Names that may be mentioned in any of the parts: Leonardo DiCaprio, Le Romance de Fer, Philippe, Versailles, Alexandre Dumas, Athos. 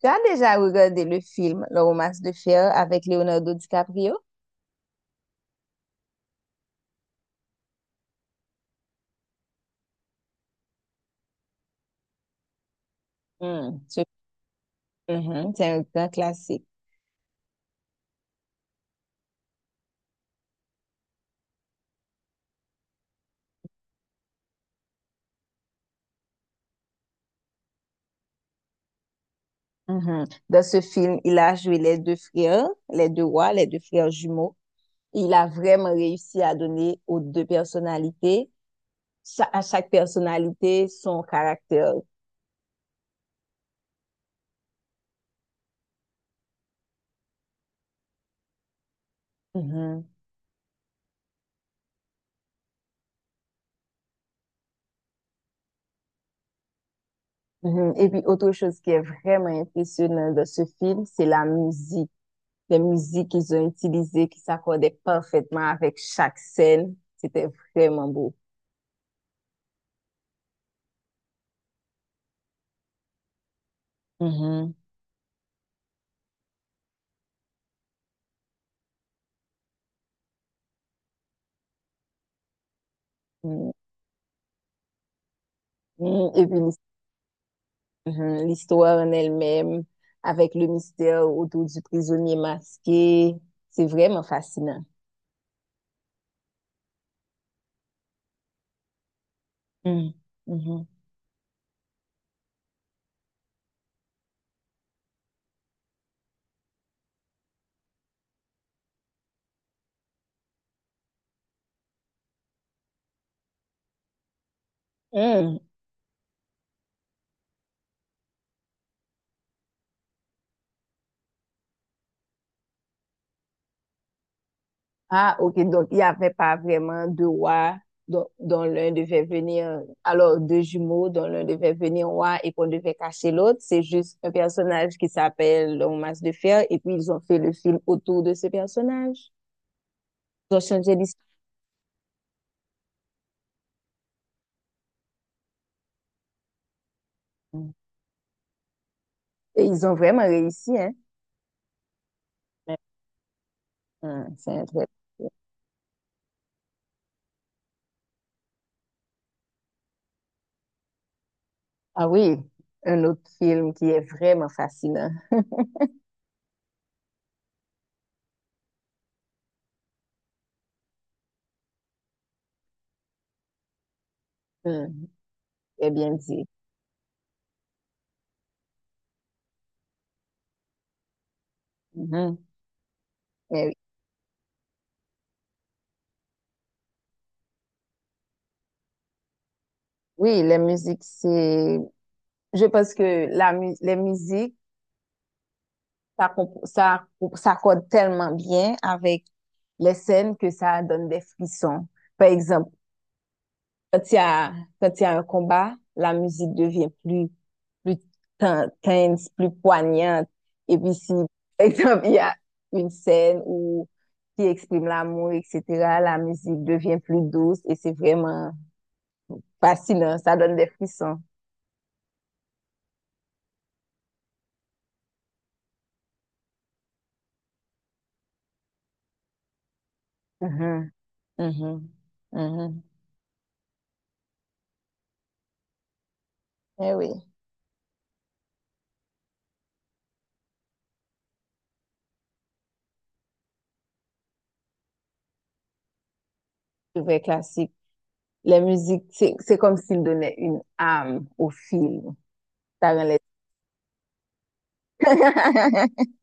Tu as déjà regardé le film Le Romance de Fer avec Leonardo DiCaprio? Hmm, ce- mhm, c'est un grand classique. Mhm. Dans ce film, il a joué les deux frères, les deux rois, les deux frères jumeaux. Il a vraiment réussi à donner aux deux personnalités, à chaque personnalité, son caractère. Mhm, mhm. Et puis, autre chose qui est vraiment impressionnant dans ce film, c'est la musique. Les musiques qu'ils ont utilisées qui s'accordaient parfaitement avec chaque scène. C'était vraiment beau. Mhm. Mhm. Mhm. L'histoire en elle-même, avec le mystère autour du prisonnier masqué, c'est vraiment fascinant. Mhm. Mhm. Mhm. Ah, ok, donc il n'y avait pas vraiment de roi dont l'un devait venir, alors deux jumeaux dont l'un devait venir roi et qu'on devait cacher l'autre. C'est juste un personnage qui s'appelle le masque de fer et puis ils ont fait le film autour de ce personnage. Ils ont changé l'histoire. Et ils ont vraiment réussi, hein? Mhm. C'est un très Ah oui, un autre film qui est vraiment fascinant. Hum, très bien dit. Mhm. Mais oui, oui, la musique, c'est... Je pense que les musiques, ça s'accorde tellement bien avec les scènes que ça donne des frissons. Par exemple, Quand il y a, quand il y a un combat, la musique devient plus, plus tense, plus poignante. Et puis si, par exemple, il y a une scène où qui exprime l'amour, etc., la musique devient plus douce et c'est vraiment fascinant. Ça donne des frissons. Mhm, mhm, mhm. Eh oui, c'est vrai classique. Les musiques, c'est comme s'ils donnaient une âme au film. Ça rend les-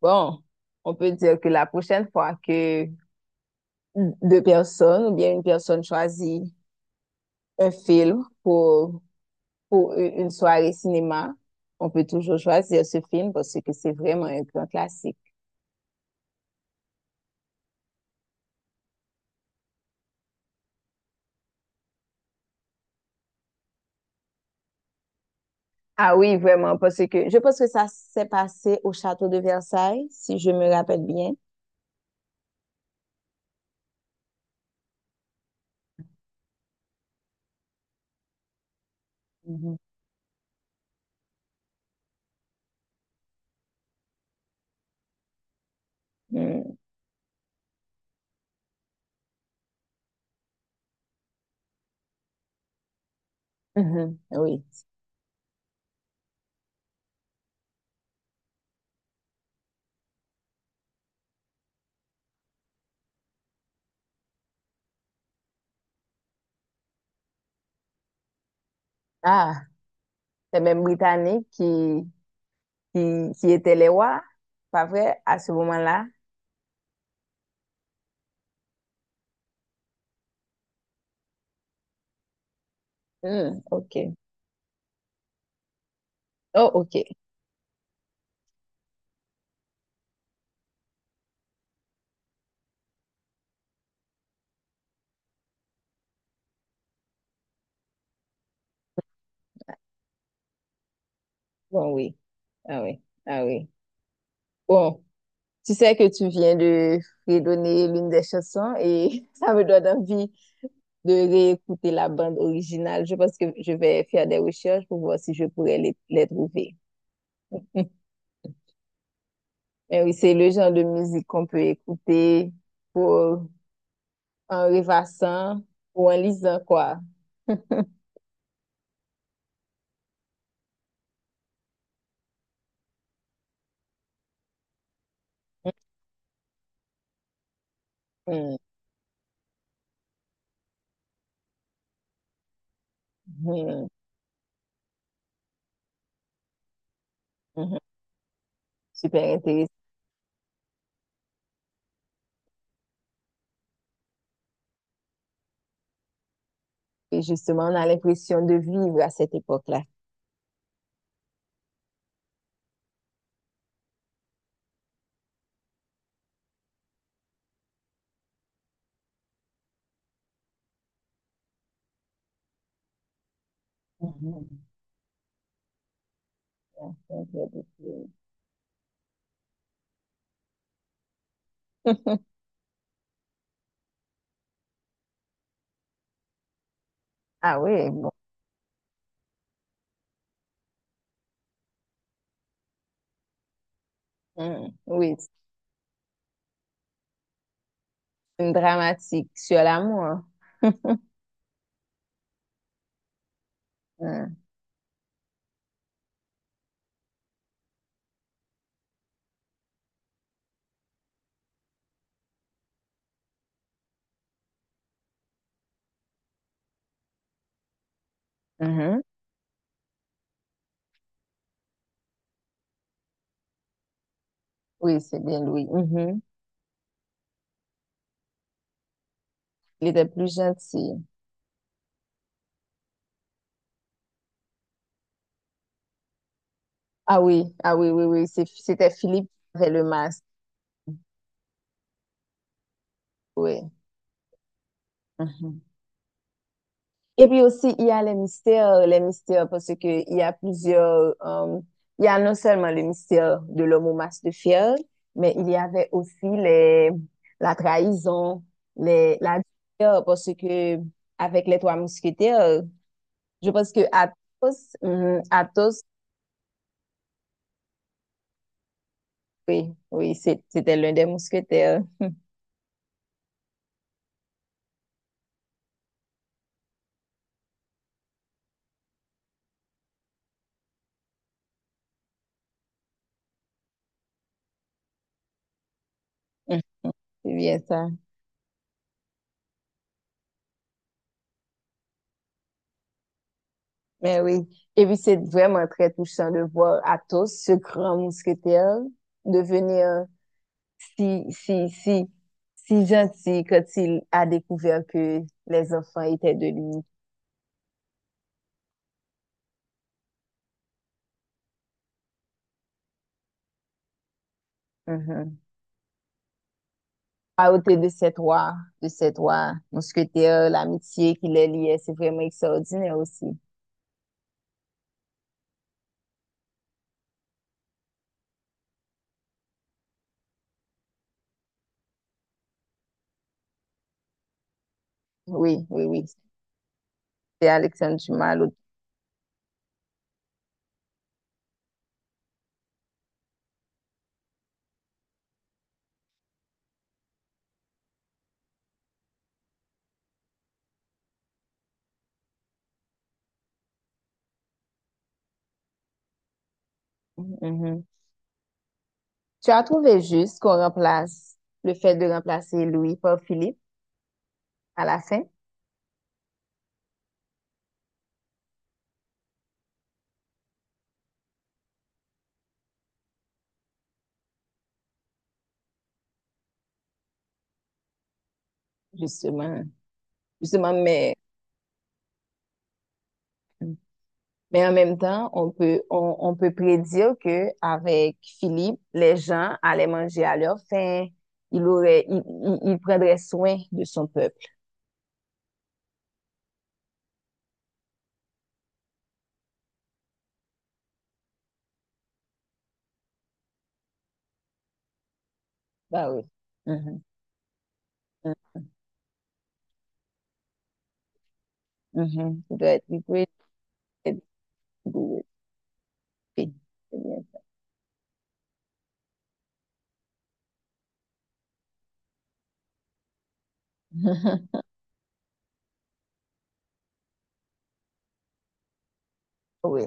Bon, on peut dire que la prochaine fois que deux personnes ou bien une personne choisit un film pour une soirée cinéma, on peut toujours choisir ce film parce que c'est vraiment un grand classique. Ah oui, vraiment, parce que je pense que ça s'est passé au château de Versailles, si je me rappelle bien. Mhm. Mm. Mhm, oui. Ah, c'est même Britannique qui était les rois, pas vrai, à ce moment-là. Hmm, ok. Oh, ok. Bon, oui. Ah oui. Ah oui. Bon. Tu sais que tu viens de redonner l'une des chansons et ça me donne envie de réécouter la bande originale. Je pense que je vais faire des recherches pour voir si je pourrais les trouver. Mais oui, c'est le genre de musique qu'on peut écouter pour, en rêvassant ou en lisant, quoi. Mhm, mhm. Super intéressant. Et justement, on a l'impression de vivre à cette époque-là. Mhm. Ah oui, bon. Mhm. Oui, une dramatique sur l'amour. Hmm. Mhm. Oui, c'est bien lui. Mhm. Il était plus gentil. Ah oui, ah oui, oui, oui. C'était Philippe avec le masque. Oui. Mhm. Et puis aussi, il y a les mystères, parce que il y a plusieurs, il y a non seulement le mystère de l'homme au masque de fer, mais il y avait aussi la trahison, la douleur, parce que avec les trois mousquetaires, je pense que Athos, mhm, Athos. Oui, oui, c'était l'un des mousquetaires. Mm. C'est bien ça. Mais oui. Et puis, c'est vraiment très touchant de voir Athos, ce grand mousquetaire, devenir si, si, si, si gentil quand il a découvert que les enfants étaient de lui. Mhm. À côté de ces trois mousquetaires, l'amitié qui les liait, c'est vraiment extraordinaire aussi. Oui, oui, oui. C'est Alexandre Dumas, l'autre. Mhm. Tu as trouvé juste qu'on remplace le fait de remplacer Louis par Philippe à la fin, justement, justement, mais en même temps, on peut on peut prédire que avec Philippe, les gens allaient manger à leur faim, il aurait il prendrait soin de son peuple. Bah oui. Mhm, mhm, mhm. Être- il doit Oui.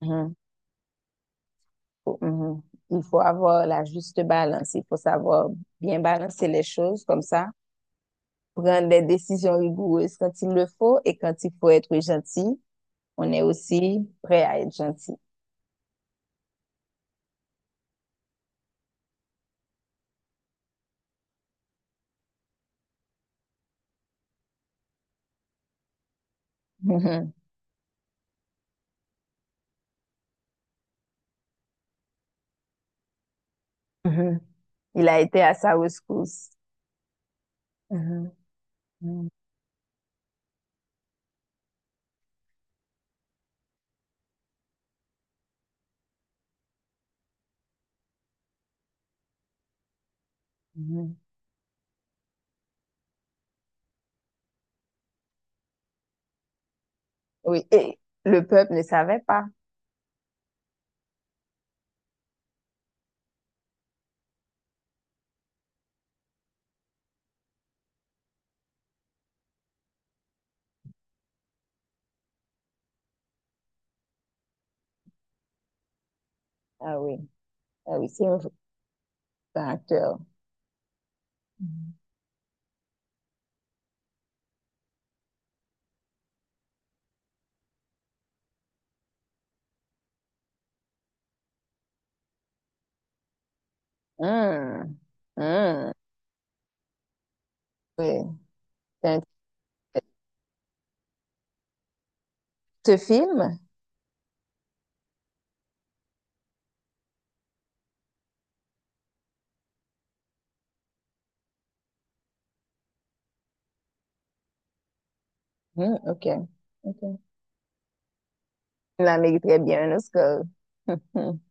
Mhm. Mhm. Il faut avoir la juste balance. Il faut savoir bien balancer les choses comme ça, prendre des décisions rigoureuses quand il le faut et quand il faut être gentil, on est aussi prêt à être gentil. Mhm. Mhm, il a été à sa rescousse. Mhm. Mhm, mhm. Oui, et le peuple ne savait pas. Ah oui, ah oui, c'est un acteur. Mhm. hmm hum, oui. C'est un- Ce film? hmm, ok. Ok. La mérite très bien un Oscar.